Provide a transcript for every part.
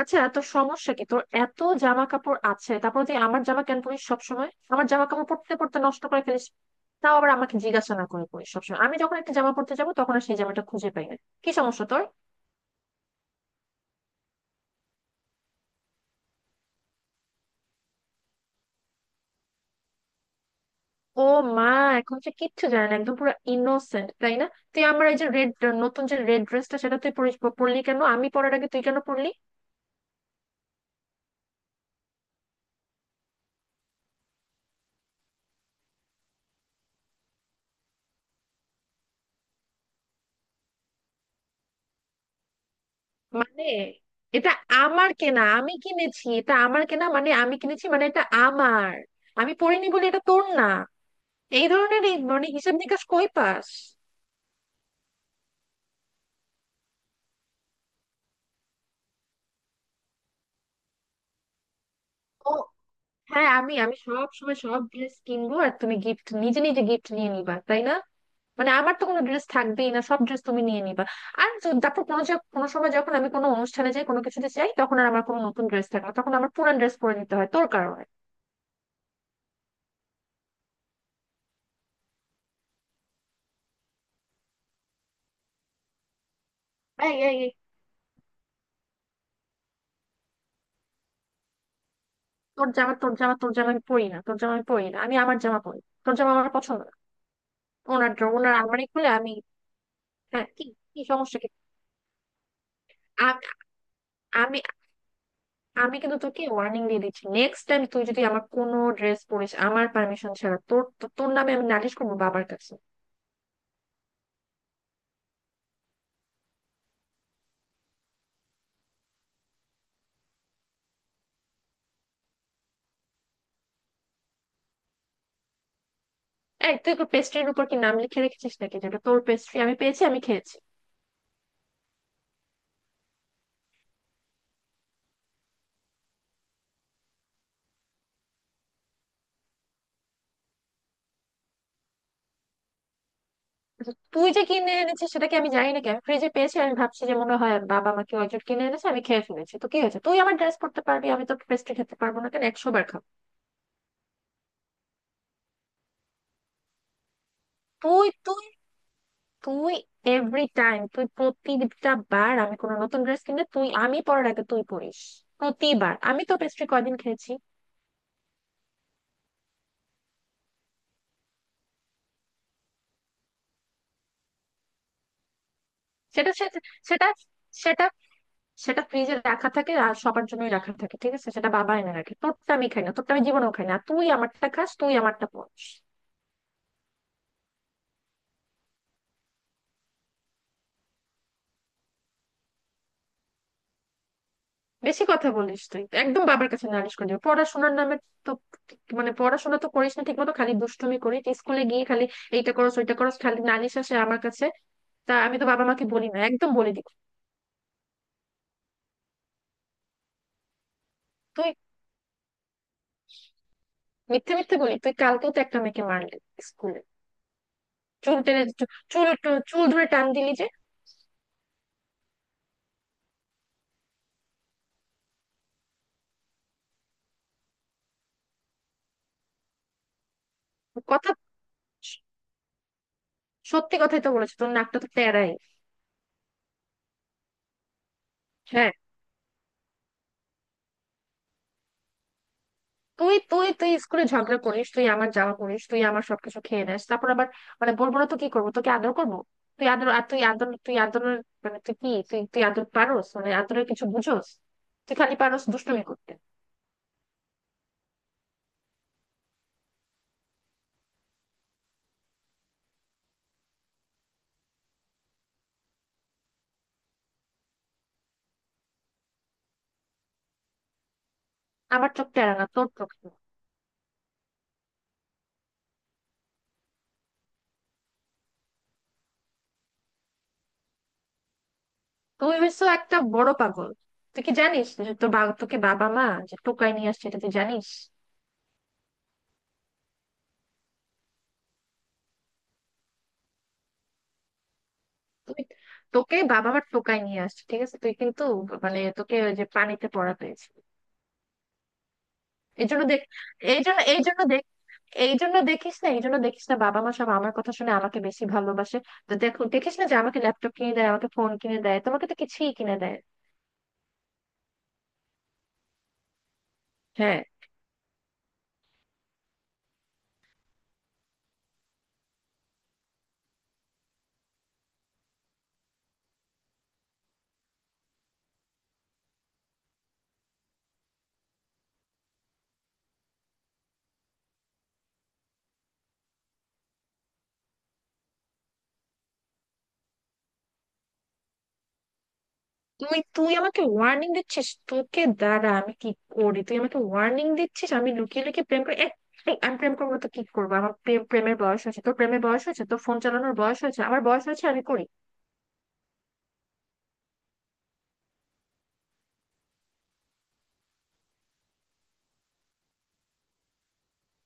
আচ্ছা, তোর সমস্যা কি? তোর এত জামা কাপড় আছে, তারপর তুই আমার জামা কেন পরিস? সবসময় আমার জামা কাপড় পরতে পরতে নষ্ট করে ফেলিস। তাও আবার আমাকে জিজ্ঞাসা না করে পরিস। সবসময় আমি যখন একটা জামা পরতে যাবো তখন আর সেই জামাটা খুঁজে পাই না। কি সমস্যা তোর? ও মা, এখন সে কিচ্ছু জানে না, একদম পুরো ইনোসেন্ট, তাই না? তুই আমার এই যে রেড নতুন যে রেড ড্রেসটা সেটা তুই পরলি কেন? আমি পরার আগে তুই কেন পরলি? মানে, এটা আমার কেনা, আমি কিনেছি, এটা আমার কেনা মানে আমি কিনেছি মানে এটা আমার। আমি পরিনি বলে এটা তোর না। এই ধরনের এই মানে হিসাব নিকাশ কই পাস? ও, হ্যাঁ, আমি আমি সব সময় সব ড্রেস কিনবো আর তুমি নিজে নিজে গিফট নিয়ে নিবা, তাই না? মানে আমার তো কোনো ড্রেস থাকবেই না, সব ড্রেস তুমি নিয়ে নিবা। আর তারপর কোনো কোনো সময় যখন আমি কোনো অনুষ্ঠানে যাই কোনো কিছুতে যাই তখন আর আমার কোনো নতুন ড্রেস থাকে না, তখন আমার পুরান ড্রেস পরে নিতে হয় তোর কারণে। এই, এই, এই! তোর জামা তোর জামা তোর জামা আমি পরি না, তোর জামা আমি পরি না, আমি আমার জামা পরি। তোর জামা আমার পছন্দ না। ওনার ওনার আলমারি খুলে আমি। হ্যাঁ, কি? কি সমস্যা কি? আ- আমি আমি কিন্তু তোকে ওয়ার্নিং দিয়ে দিচ্ছি, নেক্সট টাইম তুই যদি আমার কোনো ড্রেস পরিস আমার পারমিশন ছাড়া, তোর নামে আমি নালিশ করবো বাবার কাছে। এই, তুই কি পেস্ট্রির উপর কি নাম লিখে রেখেছিস নাকি? যেটা তোর পেস্ট্রি, আমি পেয়েছি আমি খেয়েছি। কিন্তু তুই যে কিনে এনেছিস সেটা কি আমি জানি নাকি? আমি ফ্রিজে পেয়েছি, আমি ভাবছি যে মনে হয় বাবা আমাকে অর্জন কিনে এনেছে, আমি খেয়ে ফেলেছি। তো কি হয়েছে? তুই আমার ড্রেস পরতে পারবি, আমি তো পেস্ট্রি খেতে পারবো না কেন? একশো বার খাবো। তুই তুই তুই এভরি টাইম, তুই প্রতিটা বার আমি কোনো নতুন ড্রেস কিনলে, তুই আমি পরার আগে তুই পরিস। প্রতিবার আমি তো পেস্ট্রি কয়দিন খেয়েছি? সেটা সে- সেটা সেটা সেটা ফ্রিজে রাখা থাকে আর সবার জন্যই রাখা থাকে, ঠিক আছে? সেটা বাবা এনে রাখে, তোরটা আমি খাই না, তোরটা আমি জীবনেও খাই না। আর তুই আমারটা খাস, তুই আমারটা পড়িস। বেশি কথা বলিস তুই, একদম বাবার কাছে নালিশ করে দিবি। পড়াশোনার নামে, তো মানে, পড়াশোনা তো করিস না ঠিক মতো, খালি দুষ্টুমি করিস স্কুলে গিয়ে। খালি এইটা করস ওইটা করস, খালি নালিশ আসে আমার কাছে। তা আমি তো বাবা মাকে বলি না, একদম বলে দিই। তুই মিথ্যে মিথ্যে বলি? তুই কালকেও তো একটা মেয়েকে মারলি স্কুলে, চুল টেনে। চুল চুল ধরে টান দিলি যে। কথা সত্যি কথাই তো বলেছো, তোর নাকটা তো তেড়াই। হ্যাঁ, তুই তুই তুই স্কুলে ঝগড়া করিস, তুই আমার জামা করিস, তুই আমার সবকিছু খেয়ে নেস, তারপর আবার মানে বলবো না তো কি করবো? তোকে আদর করবো? তুই আদর, আর তুই আদর, তুই আদরের মানে তুই কি? তুই তুই আদর পারোস? মানে আদরের কিছু বুঝোস? তুই খালি পারোস দুষ্টুমি করতে। আমার চোখ টেরা না, তোর চোখ টেরা। তুই হচ্ছে একটা বড় পাগল। তুই কি জানিস যে তোকে বাবা মা যে টোকাই নিয়ে আসছে, এটা তুই জানিস? তুই তোকে বাবা মা টোকাই নিয়ে আসছে, ঠিক আছে? তুই কিন্তু, মানে, তোকে ওই যে পানিতে পড়া পেয়েছে। এই জন্য দেখ, এই জন্য দেখ, এই জন্য দেখিস না, এই জন্য দেখিস না, বাবা মা সব আমার কথা শুনে আমাকে বেশি ভালোবাসে। তো দেখো, দেখিস না যে আমাকে ল্যাপটপ কিনে দেয়, আমাকে ফোন কিনে দেয়, তোমাকে তো কিছুই কিনে দেয়? হ্যাঁ, তুই তুই আমাকে ওয়ার্নিং দিচ্ছিস? তোকে দাঁড়া, আমি কি করি? তুই আমাকে ওয়ার্নিং দিচ্ছিস আমি লুকিয়ে লুকিয়ে প্রেম করি? এই, আমি প্রেম করবো তো কি করবো? আমার প্রেমের বয়স হয়েছে, তোর প্রেমের বয়স হয়েছে? তোর ফোন চালানোর বয়স হয়েছে, আমার বয়স হয়েছে, আমি করি।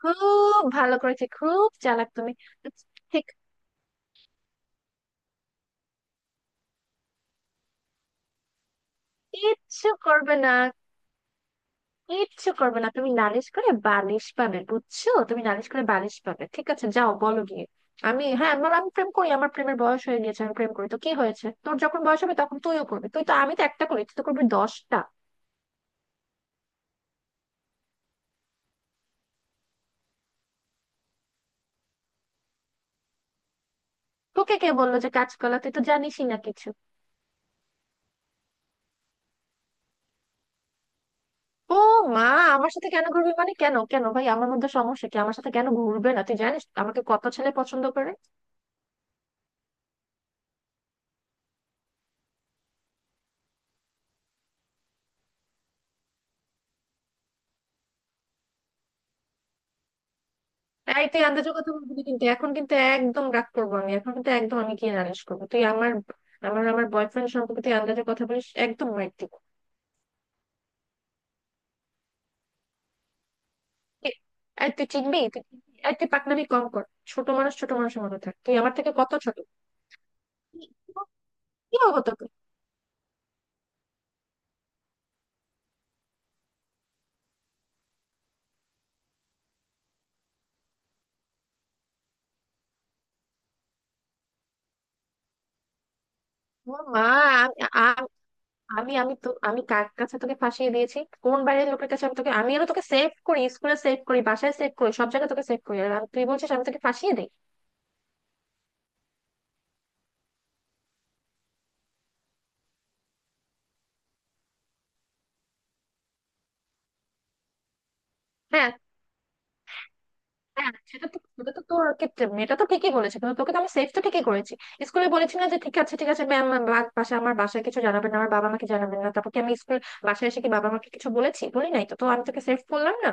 খুব ভালো করেছে, খুব চালাক তুমি। ঠিক। কিচ্ছু করবে না, কিচ্ছু করবে না, তুমি নালিশ করে বালিশ পাবে বুঝছো? তুমি নালিশ করে বালিশ পাবে। ঠিক আছে, যাও, বলো গিয়ে। হ্যাঁ, আমি প্রেম করি, আমার প্রেমের বয়স হয়ে গেছে, আমি প্রেম করি, তো কি হয়েছে? তোর যখন বয়স হবে তখন তুইও করবি। তুই তো আমি তো একটা করি, তুই তো করবি দশটা। তোকে কে বললো যে কাজ কলা? তুই তো জানিসই না কিছু। ও মা, আমার সাথে কেন ঘুরবি মানে? কেন, কেন ভাই, আমার মধ্যে সমস্যা কি? আমার সাথে কেন ঘুরবে না? তুই জানিস আমাকে কত ছেলে পছন্দ করে? এই, তুই আন্দাজের কথা বলবি না কিন্তু, এখন কিন্তু একদম রাগ করবো আমি, এখন কিন্তু একদম আমি কি নালিশ করবো। তুই আমার আমার আমার বয়ফ্রেন্ড সম্পর্কে তুই আন্দাজের কথা বলিস, একদম মাইর দিব। আর তুই চিনবি? তুই চিনবি? এই, তুই পাকনামি কম কর, ছোট মানুষ ছোট মানুষের মতো থাক, তুই আমার থেকে কত ছোট। কি কি হবো তোকে। ও মা, আমি আ- আমি আমি তো আমি কার কাছে তোকে ফাঁসিয়ে দিয়েছি? কোন বাইরের লোকের কাছে? আমি আরো তোকে সেভ করি, স্কুলে সেভ করি, বাসায় সেভ করি, সব জায়গায় তোকে সেভ করি। আর তুই বলছিস আমি তোকে ফাঁসিয়ে দিই? হ্যাঁ, হ্যাঁ, সেটা তো তোর ক্ষেত্রে মেয়েটা তো ঠিকই বলেছে, কিন্তু তোকে তো আমি সেফ তো ঠিকই করেছি। স্কুলে বলেছি না যে ঠিক আছে, ঠিক আছে ম্যাম, আমার বাসায় কিছু জানাবেন না, আমার বাবা মাকে জানাবেন না? তারপর কি আমি বাসায় এসে কি বাবা মাকে কিছু বলেছি? বলি নাই তো তো আমি তোকে সেফ বললাম না?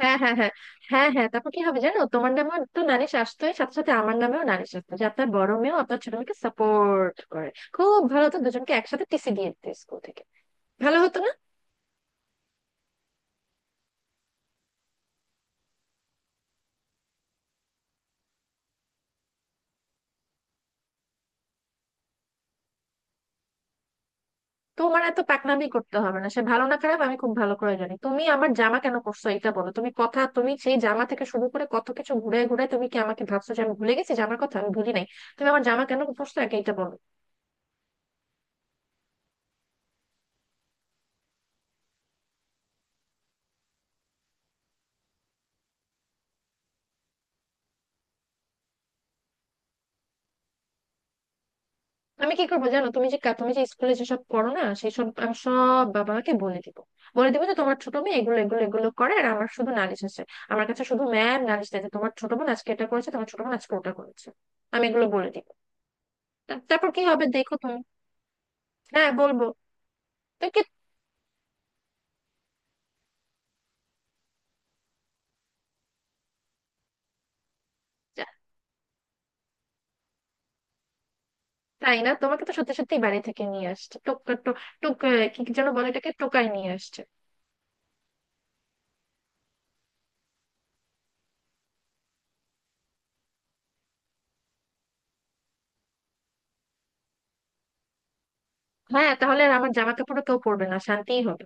হ্যাঁ, হ্যাঁ, হ্যাঁ, হ্যাঁ, হ্যাঁ, তারপর কি হবে জানো? তোমার নামেও তো নালিশ আসতোই, সাথে সাথে আমার নামেও নালিশ আসতো যে আপনার বড় মেয়েও আপনার ছোট মেয়েকে সাপোর্ট করে। খুব ভালো, তো দুজনকে একসাথে টিসি দিয়ে দিত স্কুল থেকে, ভালো হতো না? তোমার এত পাকনামি করতে হবে না, সে ভালো না খারাপ আমি খুব ভালো করে জানি। তুমি আমার জামা কেন করছো এটা বলো। তুমি সেই জামা থেকে শুরু করে কত কিছু ঘুরে ঘুরে, তুমি কি আমাকে ভাবছো যে আমি ভুলে গেছি জামার কথা? আমি ভুলি নাই। তুমি আমার জামা কেন করছো, একে এটা বলো। আমি কি করবো জানো? তুমি যে স্কুলে যেসব করো না, সেই সব আমি সব বাবা মাকে বলে দিব, বলে দিব যে তোমার ছোট মেয়ে এগুলো এগুলো এগুলো করে, আর আমার শুধু নালিশ আছে। আমার কাছে শুধু ম্যাম নালিশ দেয় যে তোমার ছোট বোন আজকে এটা করেছে, তোমার ছোট বোন আজকে ওটা করেছে। আমি এগুলো বলে দিব, তারপর কি হবে দেখো তুমি। হ্যাঁ, বলবো, তো কি? তাই না, তোমাকে তো সত্যি সত্যি বাড়ি থেকে নিয়ে আসছে। টোক টো- টোক আহ, কি যেন বলে এটাকে, টোকাই নিয়ে আসছে। হ্যাঁ, তাহলে আর আমার জামা কাপড়ও কেউ পরবে না, শান্তিই হবে।